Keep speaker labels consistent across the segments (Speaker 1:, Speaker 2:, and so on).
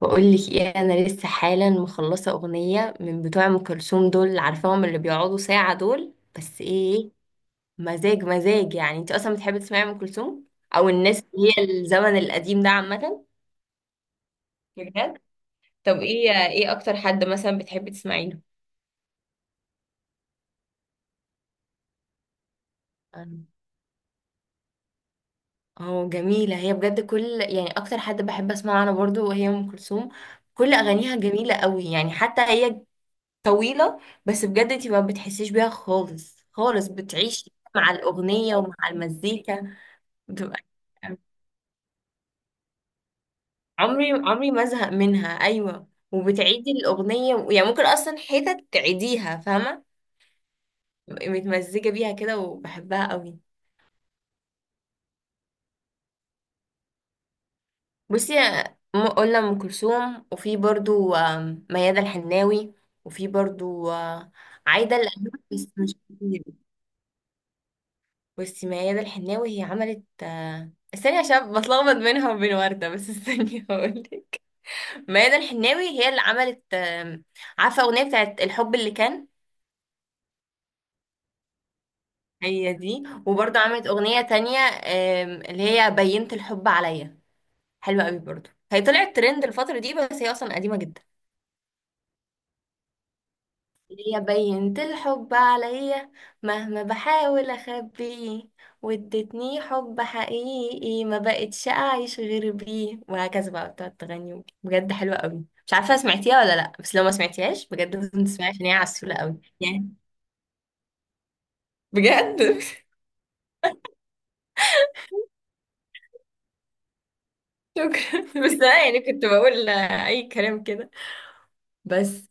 Speaker 1: بقولك ايه، انا لسه حالا مخلصه اغنيه من بتوع ام كلثوم. دول عارفاهم، اللي بيقعدوا ساعه. دول بس ايه إيه، مزاج مزاج. يعني انت اصلا بتحبي تسمعي ام كلثوم، او الناس اللي هي الزمن القديم ده عامه؟ بجد. طب ايه اكتر حد مثلا بتحبي تسمعي له؟ أنا- اه، جميله هي بجد. كل يعني اكتر حد بحب اسمعه انا برضو وهي ام كلثوم. كل اغانيها جميله قوي يعني، حتى هي طويلة. بس بجد انتي ما بتحسيش بيها خالص خالص، بتعيشي مع الأغنية ومع المزيكا. بتبقى عمري عمري ما ازهق منها. أيوة، وبتعيدي الأغنية يعني ممكن أصلا حتت تعيديها، فاهمة. بتبقي متمزجة بيها كده وبحبها قوي. بصي، قلنا أم كلثوم، وفي برضو ميادة الحناوي، وفي برضو عايدة الأيوبي بس مش كتير. بصي، ميادة الحناوي هي عملت استني عشان بتلخبط بينها وبين وردة، بس استني هقولك. ميادة الحناوي هي اللي عملت عارفة أغنية بتاعت الحب اللي كان؟ هي دي. وبرضه عملت أغنية تانية اللي هي بينت الحب عليا. حلوة قوي برضه، هي طلعت ترند الفترة دي بس هي أصلا قديمة جدا. يا بينت الحب عليا، مهما بحاول اخبيه، وادتني حب حقيقي ما بقتش اعيش غير بيه. وهكذا بقى بتقعد تغني. بجد حلوه قوي، مش عارفه سمعتيها ولا لا، بس لو ما سمعتيهاش بجد لازم تسمعيها عشان هي عسوله قوي يعني. بجد شكرا، بس انا يعني كنت بقول اي كلام كده بس.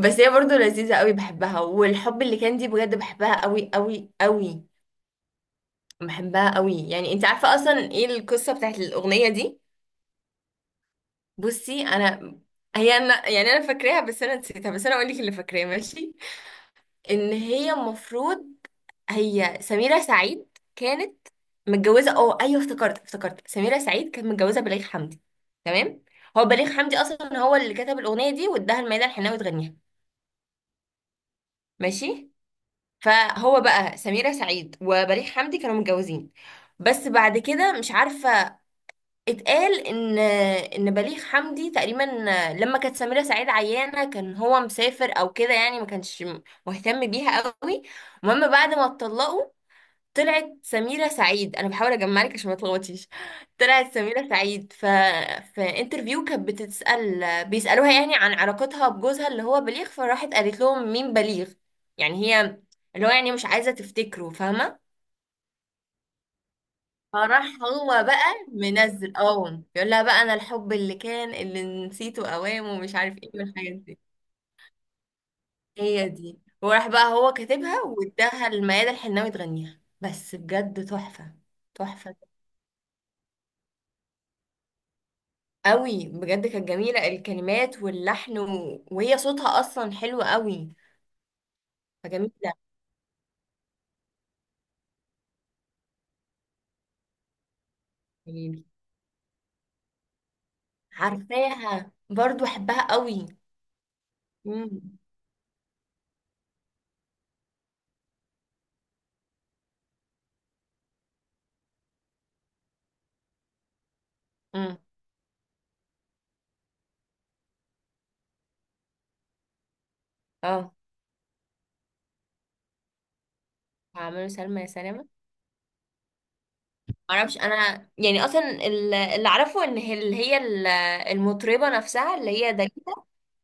Speaker 1: بس هي برضو لذيذه قوي، بحبها. والحب اللي كان دي بجد بحبها قوي قوي قوي. بحبها قوي يعني. انت عارفه اصلا ايه القصه بتاعت الاغنيه دي؟ بصي انا، هي انا يعني انا فاكراها بس انا نسيتها. بس انا اقول لك اللي فاكراه، ماشي. ان هي المفروض، هي سميرة سعيد كانت متجوزة، اه ايوه افتكرت. افتكرت سميرة سعيد كانت متجوزة بليغ حمدي، تمام. هو بليغ حمدي اصلا هو اللي كتب الاغنية دي واداها لميادة الحناوي تغنيها، ماشي. فهو بقى سميرة سعيد وبليغ حمدي كانوا متجوزين، بس بعد كده مش عارفة، اتقال ان بليغ حمدي تقريبا لما كانت سميرة سعيد عيانة كان هو مسافر او كده، يعني ما كانش مهتم بيها قوي. المهم بعد ما اتطلقوا، طلعت سميرة سعيد، انا بحاول اجمع لك عشان ما تلخبطيش. طلعت سميرة سعيد ف في انترفيو كانت بتتسأل، بيسألوها يعني عن علاقتها بجوزها اللي هو بليغ، فراحت قالت لهم مين بليغ. يعني هي، اللي هو يعني مش عايزة تفتكره، فاهمة. فراح هو بقى منزل، اه، بيقول لها بقى انا الحب اللي كان، اللي نسيته اوام، ومش عارف ايه، والحاجات دي. هي دي. وراح بقى هو كاتبها واداها لميادة الحناوي تغنيها، بس بجد تحفة. تحفة قوي بجد، كانت جميلة الكلمات واللحن وهي صوتها اصلا حلو قوي. فجميلة يعني. عارفاها برضو، احبها قوي. امم امم اه، عملوا سلمى يا سلامة. معرفش انا يعني اصلا اللي اعرفه ان هي، اللي هي المطربه نفسها اللي هي داليدا،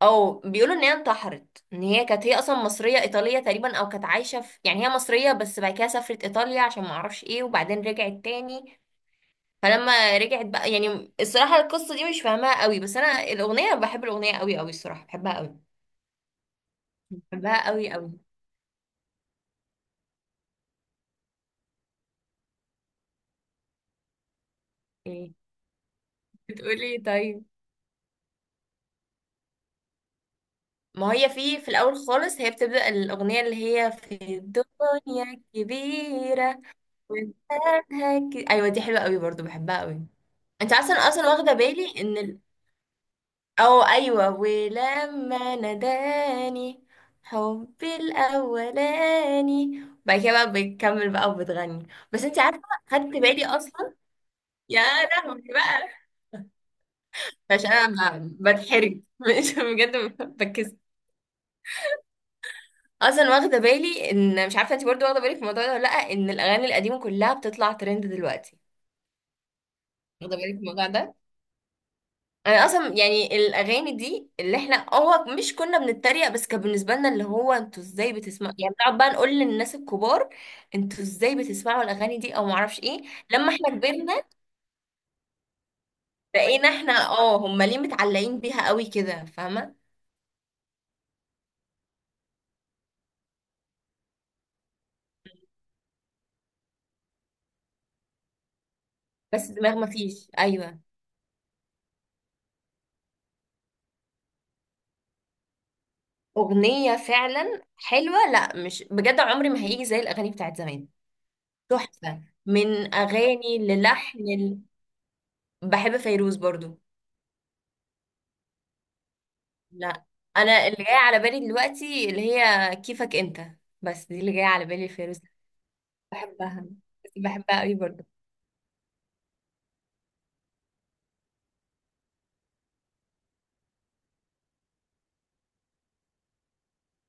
Speaker 1: او بيقولوا ان هي انتحرت، ان هي كانت هي اصلا مصريه ايطاليه تقريبا، او كانت عايشه في، يعني هي مصريه بس بعد كده سافرت ايطاليا عشان ما اعرفش ايه، وبعدين رجعت تاني. فلما رجعت بقى يعني الصراحه القصه دي مش فاهماها قوي، بس انا الاغنيه بحب الاغنيه قوي قوي الصراحه، بحبها قوي. بحبها قوي قوي. ايه بتقولي إيه؟ طيب. ما هي في الاول خالص هي بتبدا الاغنيه اللي هي في الدنيا كبيره. ايوه، دي حلوه قوي برضو، بحبها قوي. انت اصلا اصلا واخده بالي ان او ايوه، ولما ناداني حبي الاولاني. بعد كده بقى بتكمل بقى وبتغني. بس انت عارفه، خدت بالي اصلا. يا لهوي بقى، عشان انا بتحرج مش بجد، بكس. اصلا واخده بالي ان، مش عارفه انت برضو واخده بالك من الموضوع ده ولا لا، ان الاغاني القديمه كلها بتطلع ترند دلوقتي. واخده بالك من الموضوع ده؟ انا اصلا يعني الاغاني دي اللي احنا هو مش كنا بنتريق بس، كان بالنسبه لنا اللي هو انتوا ازاي بتسمعوا، يعني بنقعد بقى نقول للناس الكبار، انتوا ازاي بتسمعوا الاغاني دي او معرفش ايه. لما احنا كبرنا، بقينا احنا اه هم ليه متعلقين بيها قوي كده، فاهمه. بس دماغ ما فيش، ايوه. اغنيه فعلا حلوه. لا مش بجد، عمري ما هيجي زي الاغاني بتاعت زمان. تحفه، من اغاني للحن بحب فيروز برضو. لا، انا اللي جاي على بالي دلوقتي اللي هي كيفك انت، بس دي اللي جايه على بالي فيروز. بحبها. بحبها قوي برضه.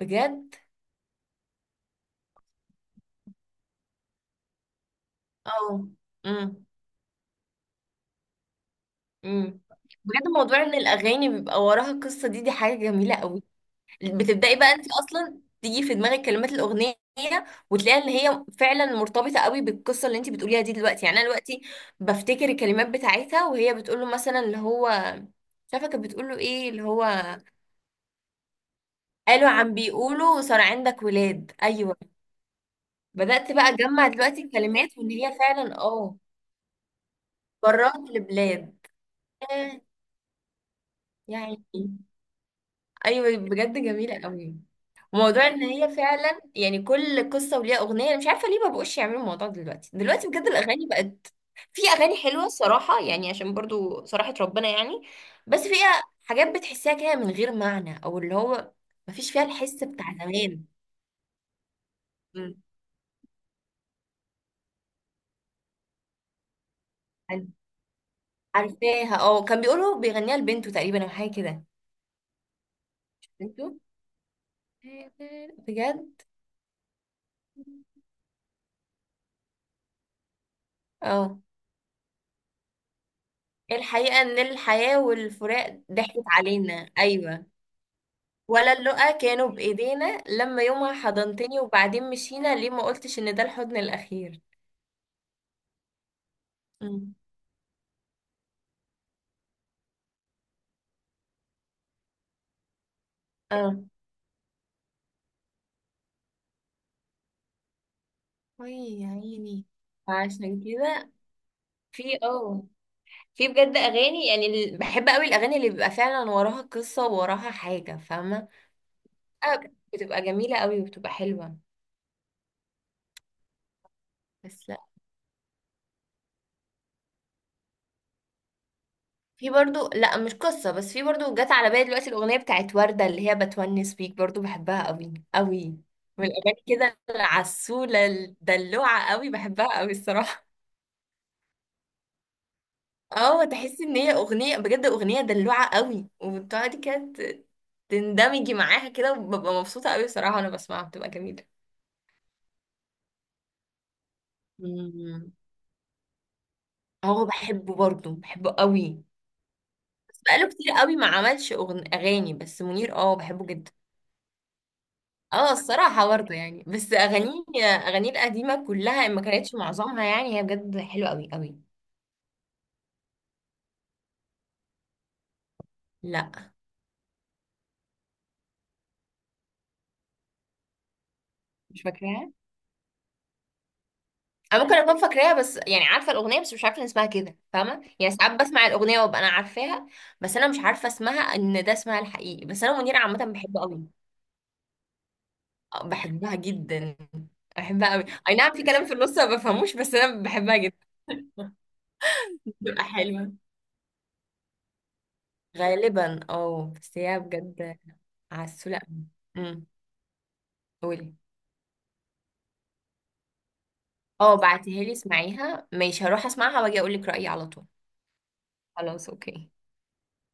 Speaker 1: بجد. اه. امم امم بجد، موضوع ان الاغاني بيبقى وراها قصه دي، دي حاجه جميله قوي. بتبداي بقى انت اصلا تيجي في دماغك كلمات الاغنيه، وتلاقي ان هي فعلا مرتبطه قوي بالقصه اللي انت بتقوليها دي دلوقتي. يعني انا دلوقتي بفتكر الكلمات بتاعتها وهي بتقول له مثلا اللي هو، مش عارفه كانت بتقول له ايه اللي هو. قالوا عم بيقولوا صار عندك ولاد، ايوه. بدأت بقى اجمع دلوقتي الكلمات وان هي فعلا اه، برات لبلاد. آه، يعني ايوه بجد جميله قوي. وموضوع ان هي فعلا يعني كل قصه وليها اغنيه. انا مش عارفه ليه ما بقوش يعملوا الموضوع ده دلوقتي. دلوقتي بجد الاغاني بقت. في اغاني حلوه الصراحه يعني، عشان برضو صراحه ربنا يعني، بس فيها حاجات بتحسها كده من غير معنى، او اللي هو مفيش فيها الحس بتاع زمان. مم. عارفاها، اه. كان بيقولوا بيغنيها لبنته تقريبا او حاجه كده. بنته، بجد. اه. الحقيقه ان الحياه والفراق ضحكت علينا، ايوه. ولا اللقا كانوا بايدينا، لما يومها حضنتني وبعدين مشينا، ليه ما قلتش ان ده الحضن الاخير. مم. اه. وي، يا عيني. عشان كده، في اه في بجد اغاني يعني، بحب قوي الاغاني اللي بيبقى فعلا وراها قصه ووراها حاجه، فاهمه. آه، بتبقى جميله قوي وبتبقى حلوه. بس في برضو، لا مش قصة بس، في برضو جت على بالي دلوقتي الأغنية بتاعت وردة اللي هي بتونس بيك، برضو بحبها قوي قوي. من الأغاني كده العسولة الدلوعة قوي، بحبها قوي الصراحة. اه، تحسي ان هي أغنية بجد، أغنية دلوعة قوي وبتقعدي كده تندمجي معاها كده، وببقى مبسوطة قوي الصراحة، وانا بسمعها بتبقى جميلة. مم. اه، بحبه برضو، بحبه قوي، بس بقاله كتير قوي ما عملش أغاني. بس منير اه بحبه جدا. اه، الصراحة برضه يعني، بس أغانيه، أغانيه القديمة كلها ما كانتش معظمها يعني، هي بجد حلوة أوي أوي. لا مش فاكراها. أنا ممكن أكون فاكراها بس، يعني عارفة الأغنية بس مش عارفة إن اسمها كده، فاهمة يعني. ساعات بسمع الأغنية وأبقى أنا عارفاها، بس أنا مش عارفة اسمها إن ده اسمها الحقيقي. بس أنا منيرة عامة بحبه أوي. بحبها جدا. بحبها أوي، أي نعم في كلام في النص ما بفهموش بس أنا بحبها جدا. بتبقى حلوة غالبا، اه بس هي بجد عسولة أوي. أمم، قولي، اه بعتيها لي اسمعيها، ماشي هروح اسمعها واجي اقول لك رأيي على طول. خلاص، اوكي.